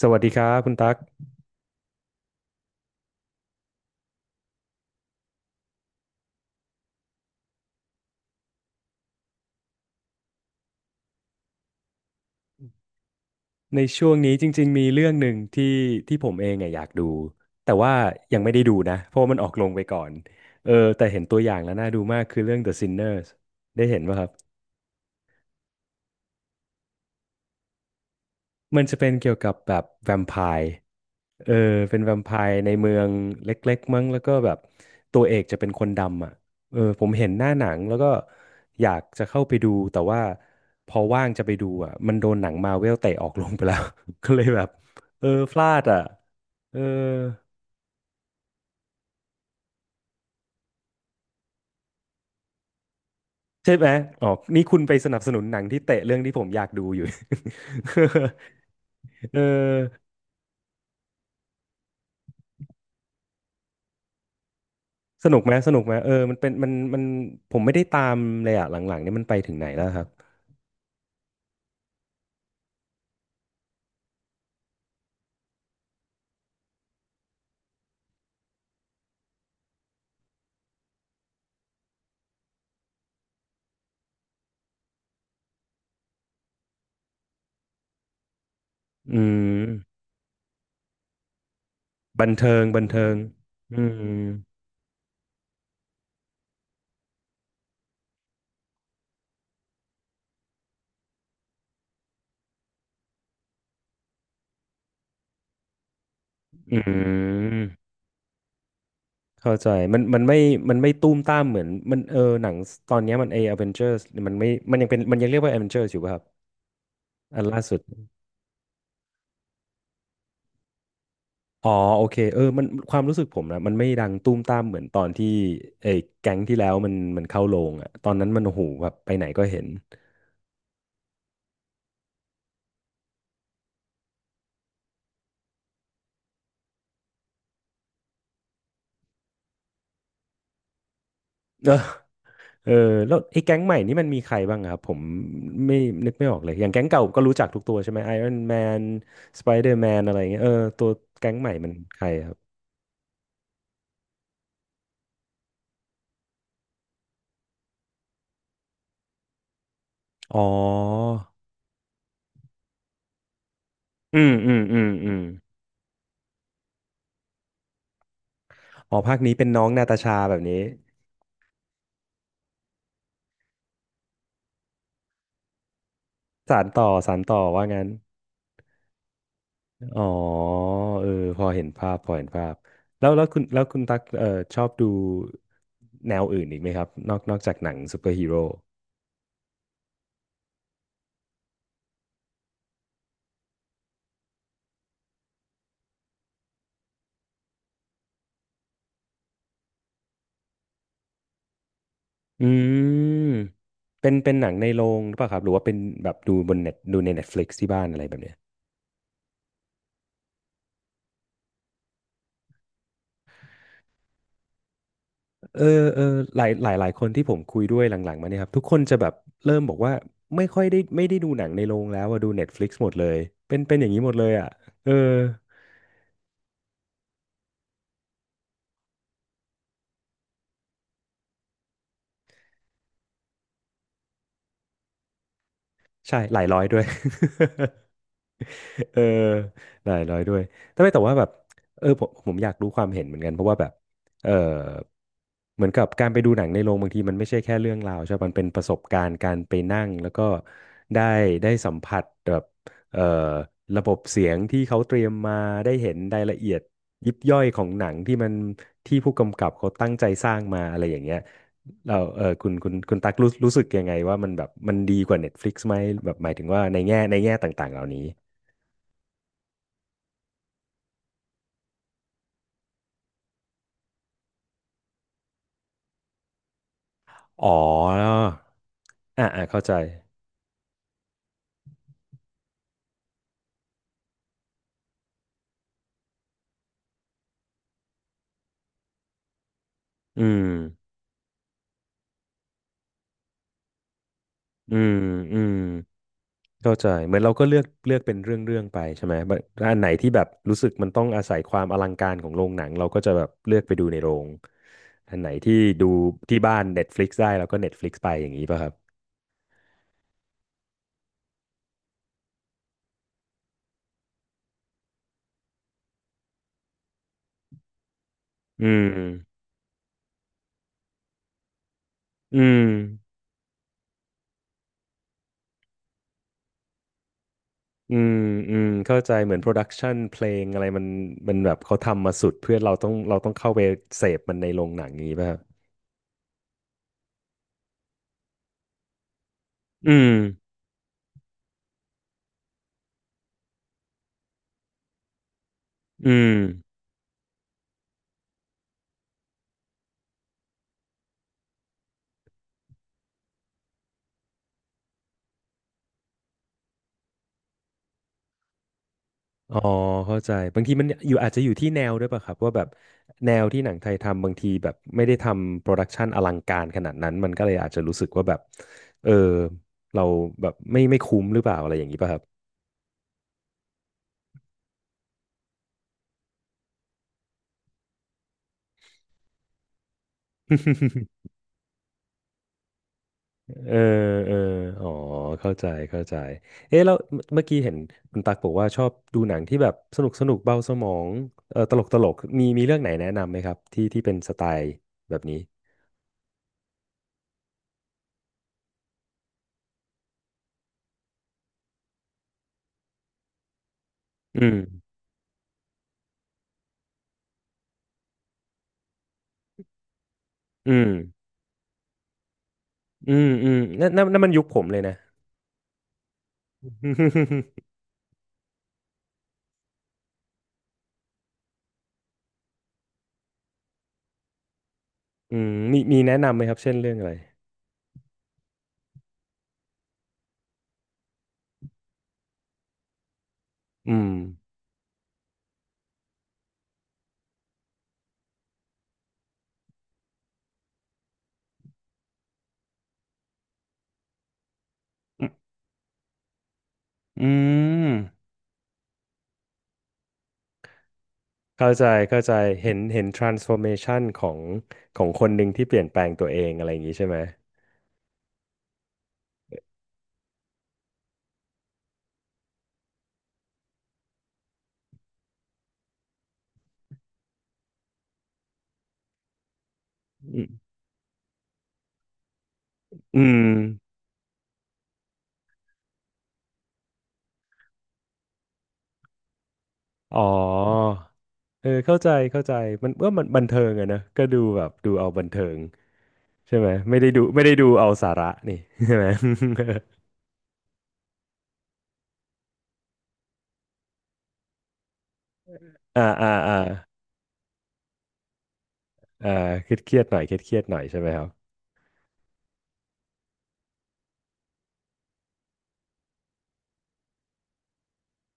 สวัสดีครับคุณตั๊กในช่วงนี้จริงๆมีเรื่องหนึ่งที่ผมเองอะอยากดูแต่ว่ายังไม่ได้ดูนะเพราะว่ามันออกลงไปก่อนเออแต่เห็นตัวอย่างแล้วน่าดูมากคือเรื่อง The Sinners ได้เห็นป่ะครับ มันจะเป็นเกี่ยวกับแบบแวมไพร์เออเป็นแวมไพร์ในเมืองเล็กๆมั้งแล้วก็แบบตัวเอกจะเป็นคนดำอ่ะเออผมเห็นหน้าหนังแล้วก็อยากจะเข้าไปดูแต่ว่าพอว่างจะไปดูอ่ะมันโดนหนังมาเวลเตะออกลงไปแล้ว ก็เลยแบบเออพลาดอ่ะเออใช่ไหมอ๋อนี่คุณไปสนับสนุนหนังที่เตะเรื่องที่ผมอยากดูอยู่ เออสนุกไหมสนุกไหมเออมันเป็นมันผมไม่ได้ตามเลยอ่ะหลังๆเนี่ยมันไปถึงไหนแล้วครับ อืมบันเทิงบันเทิงอืมอืมเข้าใจมันไม่มันไม่ตุ้มตามเหมือนมันเออหนังตอนเนี้ยมันเออเวนเจอร์สมันไม่มันยังเป็นมันยังเรียกว่าเอเวนเจอร์อยู่ป่ะครับอันล่าสุดอ๋อโอเคเออมันความรู้สึกผมนะมันไม่ดังตุ้มตามเหมือนตอนที่ไอ้แก๊งที่แล้วมันเข้าโรงอ่ะตอนนั้นมันโอ้โหแบบไปไหนก็เห็น เออแล้วไอ้แก๊งใหม่นี่มันมีใครบ้างอะครับผมไม่นึกไม่ออกเลยอย่างแก๊งเก่าก็รู้จักทุกตัวใช่ไหมไอรอนแมนสไปเดอร์แมนอะไรเงี้ยตัวแก๊งใหม่มันใครครับอ๋ออืมอืมอืมอืมอ๋อภาคนี้เป็นน้องนาตาชาแบบนี้สานต่อสานต่อว่างั้นอ๋อเออพอเห็นภาพพอเห็นภาพแล้วคุณแล้วคุณตักชอบดูแนวอื่นอีกไหมครับนอกจากหนังซูเปอร์ฮีโร่ อืมเป็นหนังในโรงหรือเปล่าครับหรือว่าเป็นแบบดูบนเน็ตดูใน Netflix ที่บ้านอะไรแบบเนี้ยเออเออหลายหลายหลายคนที่ผมคุยด้วยหลังๆมาเนี่ยครับทุกคนจะแบบเริ่มบอกว่าไม่ค่อยได้ไม่ได้ดูหนังในโรงแล้วอะดู Netflix หมดเลยเป็นอย่างนี้หมดเลยอ่ะเออใช่หลายร้อยด้วย เออหลายร้อยด้วยแต่ไม่แต่ว่าแบบเออผมอยากรู้ความเห็นเหมือนกันเพราะว่าแบบเออเหมือนกับการไปดูหนังในโรงบางทีมันไม่ใช่แค่เรื่องราวใช่ปะมันเป็นประสบการณ์การไปนั่งแล้วก็ได้ได้สัมผัสแบบเออระบบเสียงที่เขาเตรียมมาได้เห็นรายละเอียดยิบย่อยของหนังที่มันที่ผู้กำกับเขาตั้งใจสร้างมาอะไรอย่างเงี้ยเราเออคุณคุณคุณตักรู้รู้สึกยังไงว่ามันแบบมันดีกว่า Netflix ไหมแบบหมายถึงว่าในแง่ในแง่ต่างๆเหล่านี้ อ๋ออ่าอ่าเข้าใจอืมอืมอืมเข้าใจเหมือนเราก็เลือกเลือกเป็นเรื่องเรื่องไปใช่ไหมแบบอันไหนที่แบบรู้สึกมันต้องอาศัยความอลังการของโรงหนังเราก็จะแบบเลือกไปดูในโรงอันไหนที่ดูที่บ้าน Netflix ได้เราก็ Netflix ไปอย่างนี้ป่ะครับอืมอืมอืมอืมเข้าใจเหมือนโปรดักชันเพลงอะไรมันแบบเขาทำมาสุดเพื่อเราต้องเข้าไปเสพมันในโรงหนังอย่างนี้ป่ะครับอืมอืม อ๋อเข้าใจบางทีมันอยู่อาจจะอยู่ที่แนวด้วยป่ะครับว่าแบบแนวที่หนังไทยทำบางทีแบบไม่ได้ทำโปรดักชันอลังการขนาดนั้นมันก็เลยอาจจะรู้สึกว่าแบบเออเราแบบไม่คุ้มหรือเปล่าอะไรอย่างนี้ป่ะครับ เออเอออ๋อเข้าใจเข้าใจเอ๊ะแล้วเมื่อกี้เห็นคุณตักบอกว่าชอบดูหนังที่แบบสนุกสนุกเบาสมองเออตลกมีเรื่องไหนแนะนำไหมครับที่เป็นสไตล์แบบนี้อืมอืมอืมอืมนั่นนั่นนั่นมันยุคผมเลยนะ อืมมีแนะนำไหมครับเช่นเรื่องอะไรอืมอืมเข้าใจเข้าใจเห็นเห็น transformation ของของคนหนึ่งที่เปลี่ยนแปลงตัวเองอะไรอย่างนี้ใช่ไหมอืมอืมอ๋อเออเข้าใจเข้าใจมันว่ามันบันเทิงอะนะก็ดูแบบดูเอาบันเทิงใช่ไหมไม่ได้ดูไม่ได้ดูเอาสาระนี่ ใช่ไหม อ่าอ่าอ่าอ่าเครียดเครียดหน่อยเครียดหน่อยใช่ไหมครับ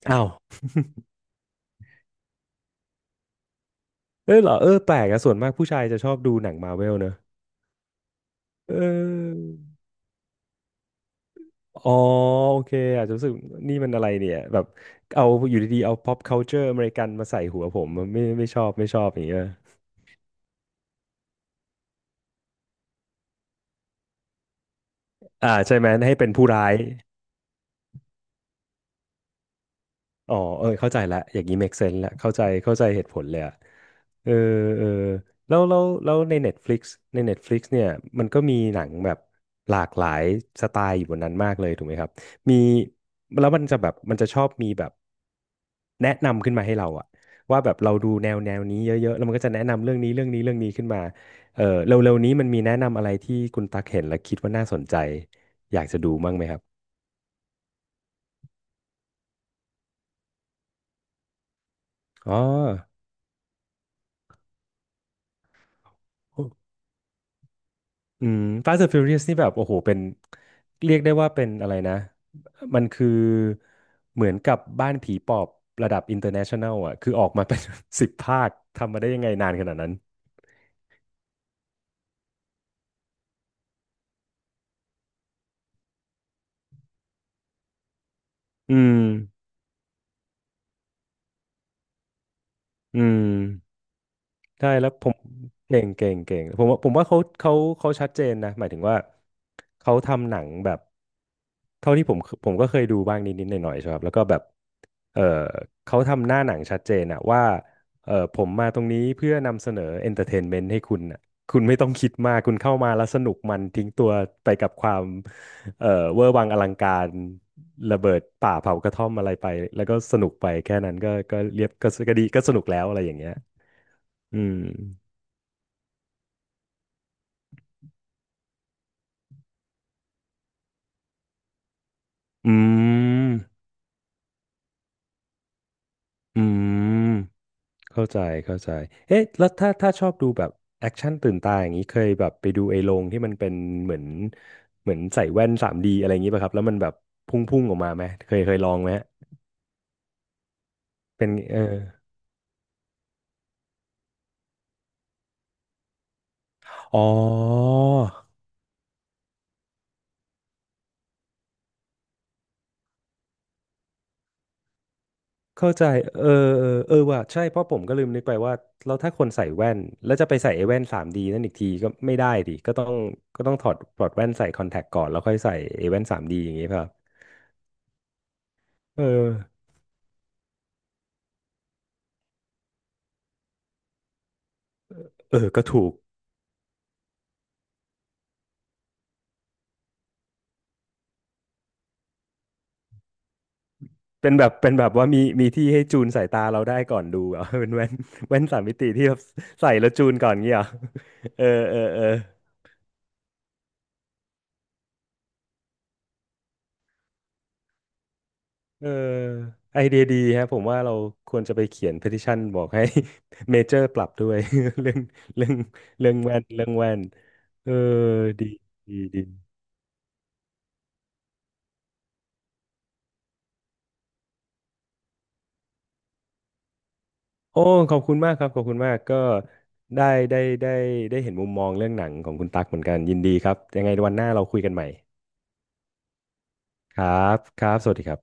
อ้าวเออเหรอเออแปลกอะส่วนมากผู้ชายจะชอบดูหนังมาเวลเนอะ เอออ๋อโอเค อาจจะรู้สึกนี่มันอะไรเนี่ยแบบเอาอยู่ดีๆเอา pop culture อเมริกันมาใส่หัวผมไม่ชอบไม่ชอบอย่างเงี้ยใช่ไหมให้เป็นผู้ร้าย อ๋อเออเข้าใจละอย่างนี้ make sense ละเข้าใจเข้าใจเหตุผลเลยอะเออเออแล้วใน Netflix ใน Netflix เนี่ยมันก็มีหนังแบบหลากหลายสไตล์อยู่บนนั้นมากเลยถูกไหมครับมีแล้วมันจะแบบมันจะชอบมีแบบแนะนำขึ้นมาให้เราอะว่าแบบเราดูแนวแนวนี้เยอะๆแล้วมันก็จะแนะนำเรื่องนี้เรื่องนี้เรื่องนี้ขึ้นมาเออเร็วๆนี้มันมีแนะนำอะไรที่คุณตักเห็นแล้วคิดว่าน่าสนใจ อยากจะดูบ้างไหมครับอ๋อ อืม Fast and Furious นี่แบบโอ้โหเป็นเรียกได้ว่าเป็นอะไรนะมันคือเหมือนกับบ้านผีปอบระดับ international อ่ะคือออกมาเป็น สิบภาคทำมาได้ยังไงนานขนาดนั้นอืมอืม ใช่แล้วผมเก่งเก่งเก่งผมว่าผมว่าเขาเขาชัดเจนนะหมายถึงว่าเขาทำหนังแบบเท่าที่ผมก็เคยดูบ้างนิดหน่อยๆใช่ครับแล้วก็แบบเออเขาทำหน้าหนังชัดเจนอะว่าเออผมมาตรงนี้เพื่อนำเสนอเอนเตอร์เทนเมนต์ให้คุณอะคุณไม่ต้องคิดมากคุณเข้ามาแล้วสนุกมันทิ้งตัวไปกับความเออเวอร์วังอลังการระเบิดป่าเผากระท่อมอะไรไปแล้วก็สนุกไปแค่นั้นก็เรียบก็ดีก็สนุกแล้วอะไรอย่างเงี้ยอืม อืมอืมเข้าใจเข้าใจเอ๊ะแล้วถ้าชอบดูแบบแอคชั่นตื่นตาอย่างนี้เคยแบบไปดูไอ้โรงที่มันเป็นเหมือนเหมือนใส่แว่นสามด d อะไรอย่างนี้ป่ะครับแล้วมันแบบพุ่งๆออกมาไหมเคยเคยลองไหมเป็นเอออ๋อเข้าใจเออเออเออว่ะใช่เพราะผมก็ลืมนึกไปว่าแล้วถ้าคนใส่แว่นแล้วจะไปใส่ไอ้แว่น 3D นั่นอีกทีก็ไม่ได้ดิก็ต้องถอดแว่นใส่คอนแทคก่อนแล้วค่อยใส่ไอ้แว่นสามดีอย่างงี้ป่ะครับเออเออก็ถูก เป็นแบบเป็นแบบว่ามีมีที่ให้จูนสายตาเราได้ก่อนดูเหรอ เป็นแว่นแว่นสามมิติที่แบบใส่แล้วจูนก่อนเงี้ยเหรอเออเออเออเออไอเดียดีฮะผมว่าเราควรจะไปเขียน petition บอกให้ เมเจอร์ปรับด้วย เรื่องเรื่องเรื่องแว่นเรื่องแว่นเออดีดีดีโอ้ขอบคุณมากครับขอบคุณมากก็ได้ได้ได้เห็นมุมมองเรื่องหนังของคุณตั๊กเหมือนกันยินดีครับยังไงวันหน้าเราคุยกันใหม่ครับครับสวัสดีครับ